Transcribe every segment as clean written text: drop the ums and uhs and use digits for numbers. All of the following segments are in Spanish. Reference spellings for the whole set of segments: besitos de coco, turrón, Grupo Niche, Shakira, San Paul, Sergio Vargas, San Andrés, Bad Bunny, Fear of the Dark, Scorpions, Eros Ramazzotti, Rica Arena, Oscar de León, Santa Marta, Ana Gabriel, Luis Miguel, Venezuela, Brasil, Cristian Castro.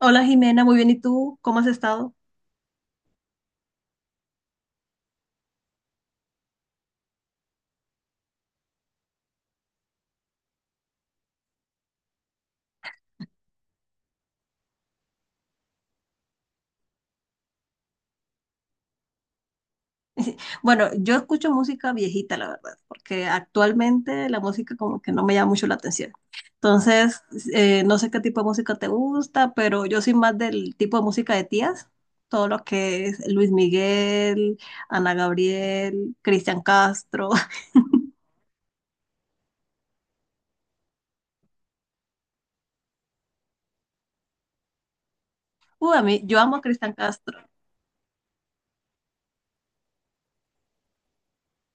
Hola Jimena, muy bien. ¿Y tú cómo has estado? Bueno, yo escucho música viejita, la verdad, porque actualmente la música como que no me llama mucho la atención. Entonces, no sé qué tipo de música te gusta, pero yo soy más del tipo de música de tías, todo lo que es Luis Miguel, Ana Gabriel, Cristian Castro. Uy, a mí, yo amo a Cristian Castro.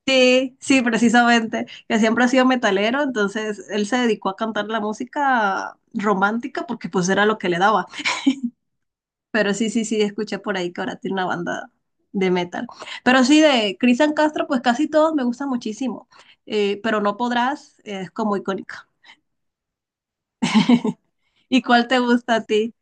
Sí, sí, precisamente, que siempre ha sido metalero, entonces él se dedicó a cantar la música romántica porque pues era lo que le daba. Pero sí, sí, sí, escuché por ahí que ahora tiene una banda de metal. Pero sí, de Cristian Castro, pues casi todos me gustan muchísimo. Pero No Podrás es como icónica. ¿Y cuál te gusta a ti?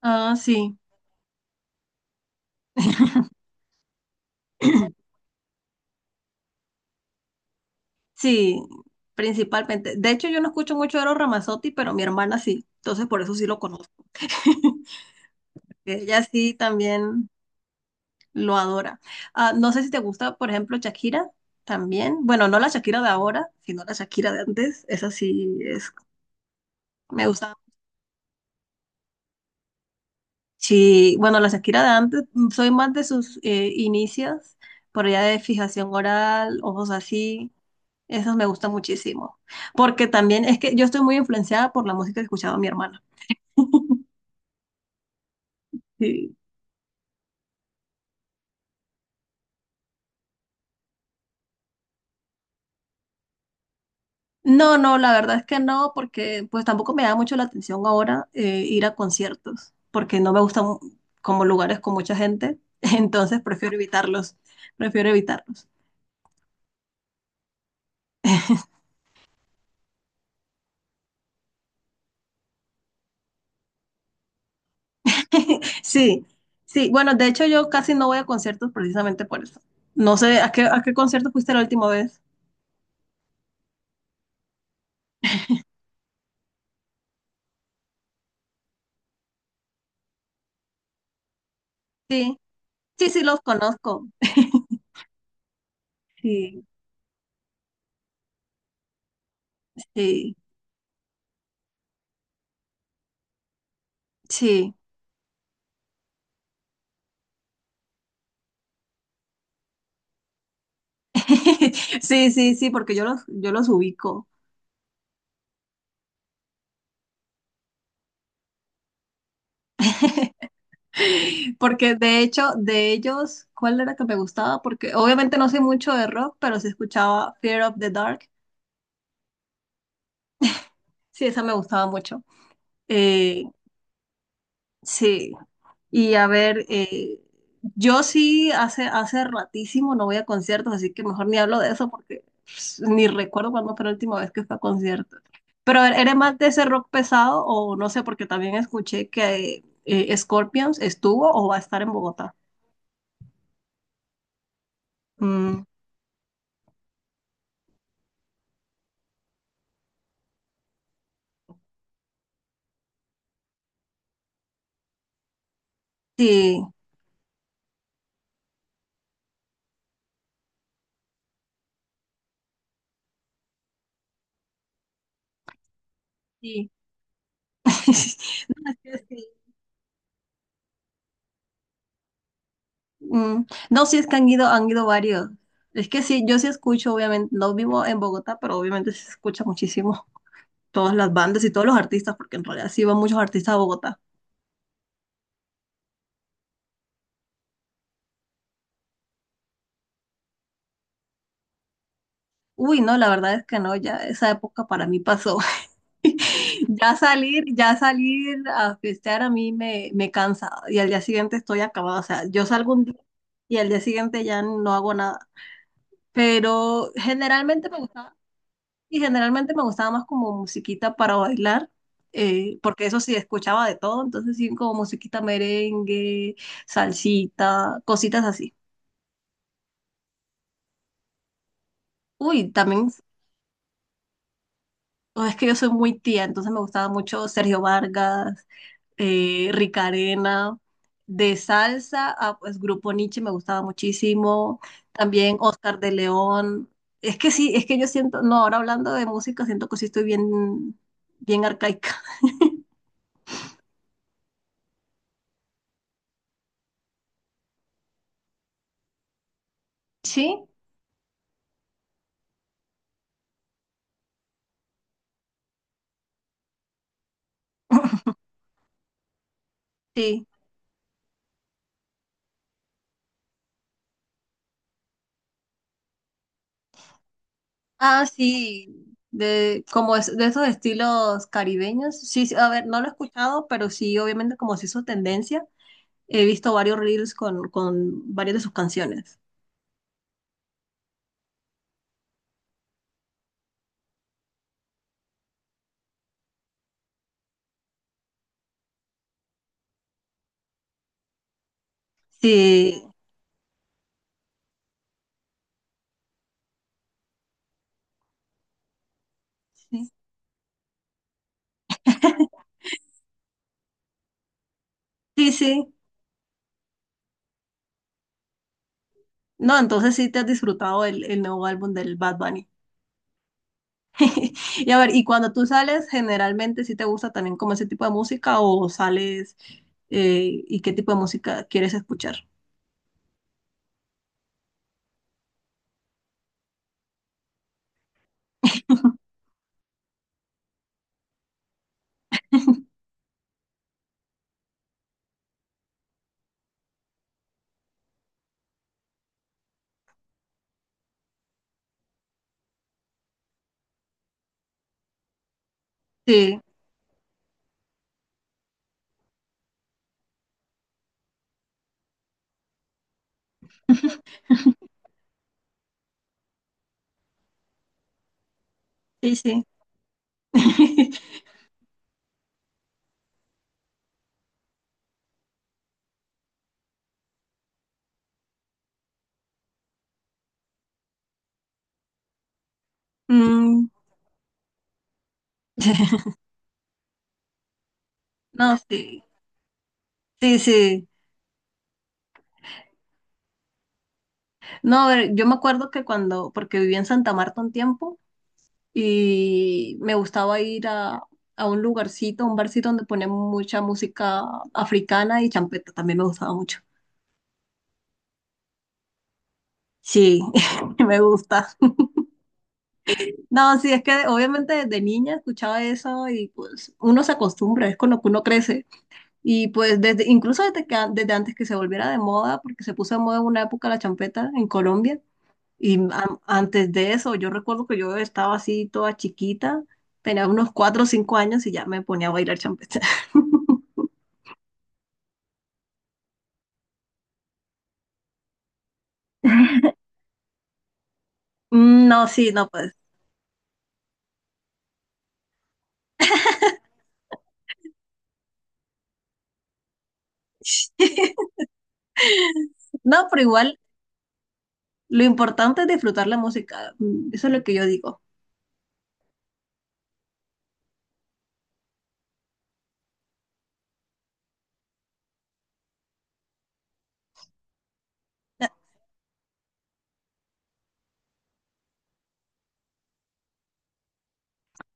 Ah, sí. Sí, principalmente. De hecho, yo no escucho mucho Eros Ramazzotti, pero mi hermana sí. Entonces, por eso sí lo conozco. Ella sí también lo adora. Ah, no sé si te gusta, por ejemplo, Shakira también. Bueno, no la Shakira de ahora, sino la Shakira de antes. Esa sí es, me gusta. Sí, bueno, la Shakira de antes, soy más de sus inicios, por allá de fijación oral, ojos así. Esos me gustan muchísimo. Porque también es que yo estoy muy influenciada por la música que escuchaba mi hermana. Sí. No, no, la verdad es que no, porque pues tampoco me da mucho la atención ahora ir a conciertos, porque no me gustan como lugares con mucha gente, entonces prefiero evitarlos, prefiero evitarlos. Sí, sí, bueno, de hecho yo casi no voy a conciertos precisamente por eso. No sé, a qué concierto fuiste la última vez? Sí, sí, sí, los conozco. Sí, sí, sí, sí, sí, sí, porque yo los ubico. Porque de hecho, de ellos, ¿cuál era que me gustaba? Porque obviamente no sé mucho de rock, pero sí escuchaba Fear of the Dark. Sí, esa me gustaba mucho. Eh, sí. Y a ver, yo sí hace ratísimo no voy a conciertos, así que mejor ni hablo de eso porque pues, ni recuerdo cuándo fue la última vez que fui a conciertos. Pero a ver, ¿eres más de ese rock pesado o no sé? Porque también escuché que Scorpions estuvo o va a estar en Bogotá. Mm, sí. Sí. No, es que sí. Mm, no, sí, es que han ido varios. Es que sí, yo sí escucho, obviamente, no vivo en Bogotá, pero obviamente sí se escucha muchísimo todas las bandas y todos los artistas, porque en realidad sí van muchos artistas a Bogotá. Uy, no, la verdad es que no, ya esa época para mí pasó. Ya salir a festear a mí me cansa y al día siguiente estoy acabada. O sea, yo salgo un día y al día siguiente ya no hago nada. Pero generalmente me gustaba. Y generalmente me gustaba más como musiquita para bailar, porque eso sí, escuchaba de todo, entonces sí, como musiquita merengue, salsita, cositas así. Uy, también, oh, es que yo soy muy tía, entonces me gustaba mucho Sergio Vargas, Rica Arena, de salsa, ah, pues Grupo Niche me gustaba muchísimo, también Oscar de León. Es que sí, es que yo siento, no, ahora hablando de música, siento que sí estoy bien, bien arcaica. Sí, sí. Ah, sí, de, como es, de esos estilos caribeños. Sí, sí, a ver, no lo he escuchado, pero sí, obviamente como se hizo tendencia, he visto varios reels con varias de sus canciones. Sí, sí, sí, sí. No, entonces sí te has disfrutado el nuevo álbum del Bad Bunny. Y a ver, y cuando tú sales, generalmente sí te gusta también como ese tipo de música o sales y qué tipo de música quieres escuchar. Sí, sí, sí. Mm, no, sí. Sí, sí. No, a ver, yo me acuerdo que cuando, porque viví en Santa Marta un tiempo y me gustaba ir a un lugarcito, un barcito donde ponían mucha música africana y champeta, también me gustaba mucho. Sí, me gusta. No, sí, es que obviamente desde niña escuchaba eso y pues uno se acostumbra, es con lo que uno crece. Y pues desde, incluso desde que, desde antes que se volviera de moda, porque se puso de moda en una época la champeta en Colombia. Y antes de eso, yo recuerdo que yo estaba así toda chiquita, tenía unos cuatro o cinco años y ya me ponía a bailar champeta. Mm, no, sí, no, pues. No, pero igual lo importante es disfrutar la música. Mm, eso es lo que yo digo.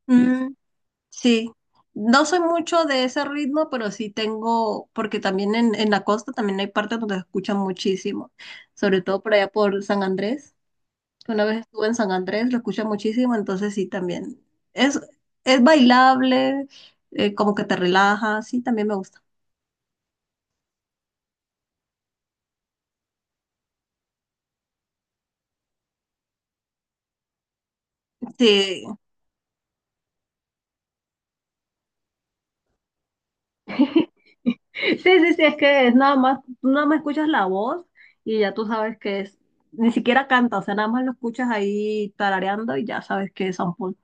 Mm, sí, no soy mucho de ese ritmo, pero sí tengo, porque también en la costa también hay partes donde se escucha muchísimo, sobre todo por allá por San Andrés. Una vez estuve en San Andrés, lo escuché muchísimo, entonces sí, también. Es, es bailable, como que te relaja, sí, también me gusta. Sí, sí, sí, sí, es que es nada más, tú nada más escuchas la voz y ya tú sabes que es, ni siquiera canta, o sea, nada más lo escuchas ahí tarareando y ya sabes que es San Paul.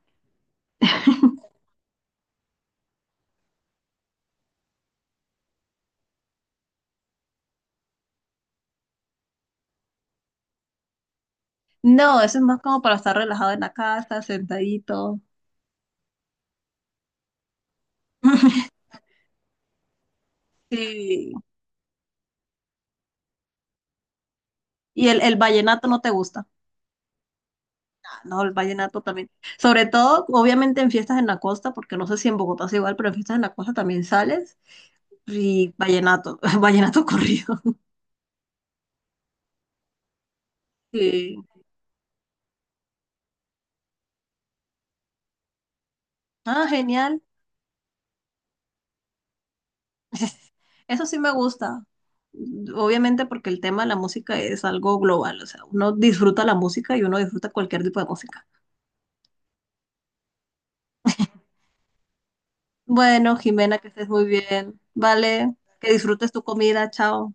No, eso es más como para estar relajado en la casa, sentadito. Sí. ¿Y el vallenato no te gusta? No, el vallenato también. Sobre todo, obviamente en fiestas en la costa, porque no sé si en Bogotá es igual, pero en fiestas en la costa también sales. Y vallenato, vallenato corrido. Sí. Ah, genial. Eso sí me gusta. Obviamente porque el tema de la música es algo global, o sea, uno disfruta la música y uno disfruta cualquier tipo de música. Bueno, Jimena, que estés muy bien. Vale, que disfrutes tu comida. Chao.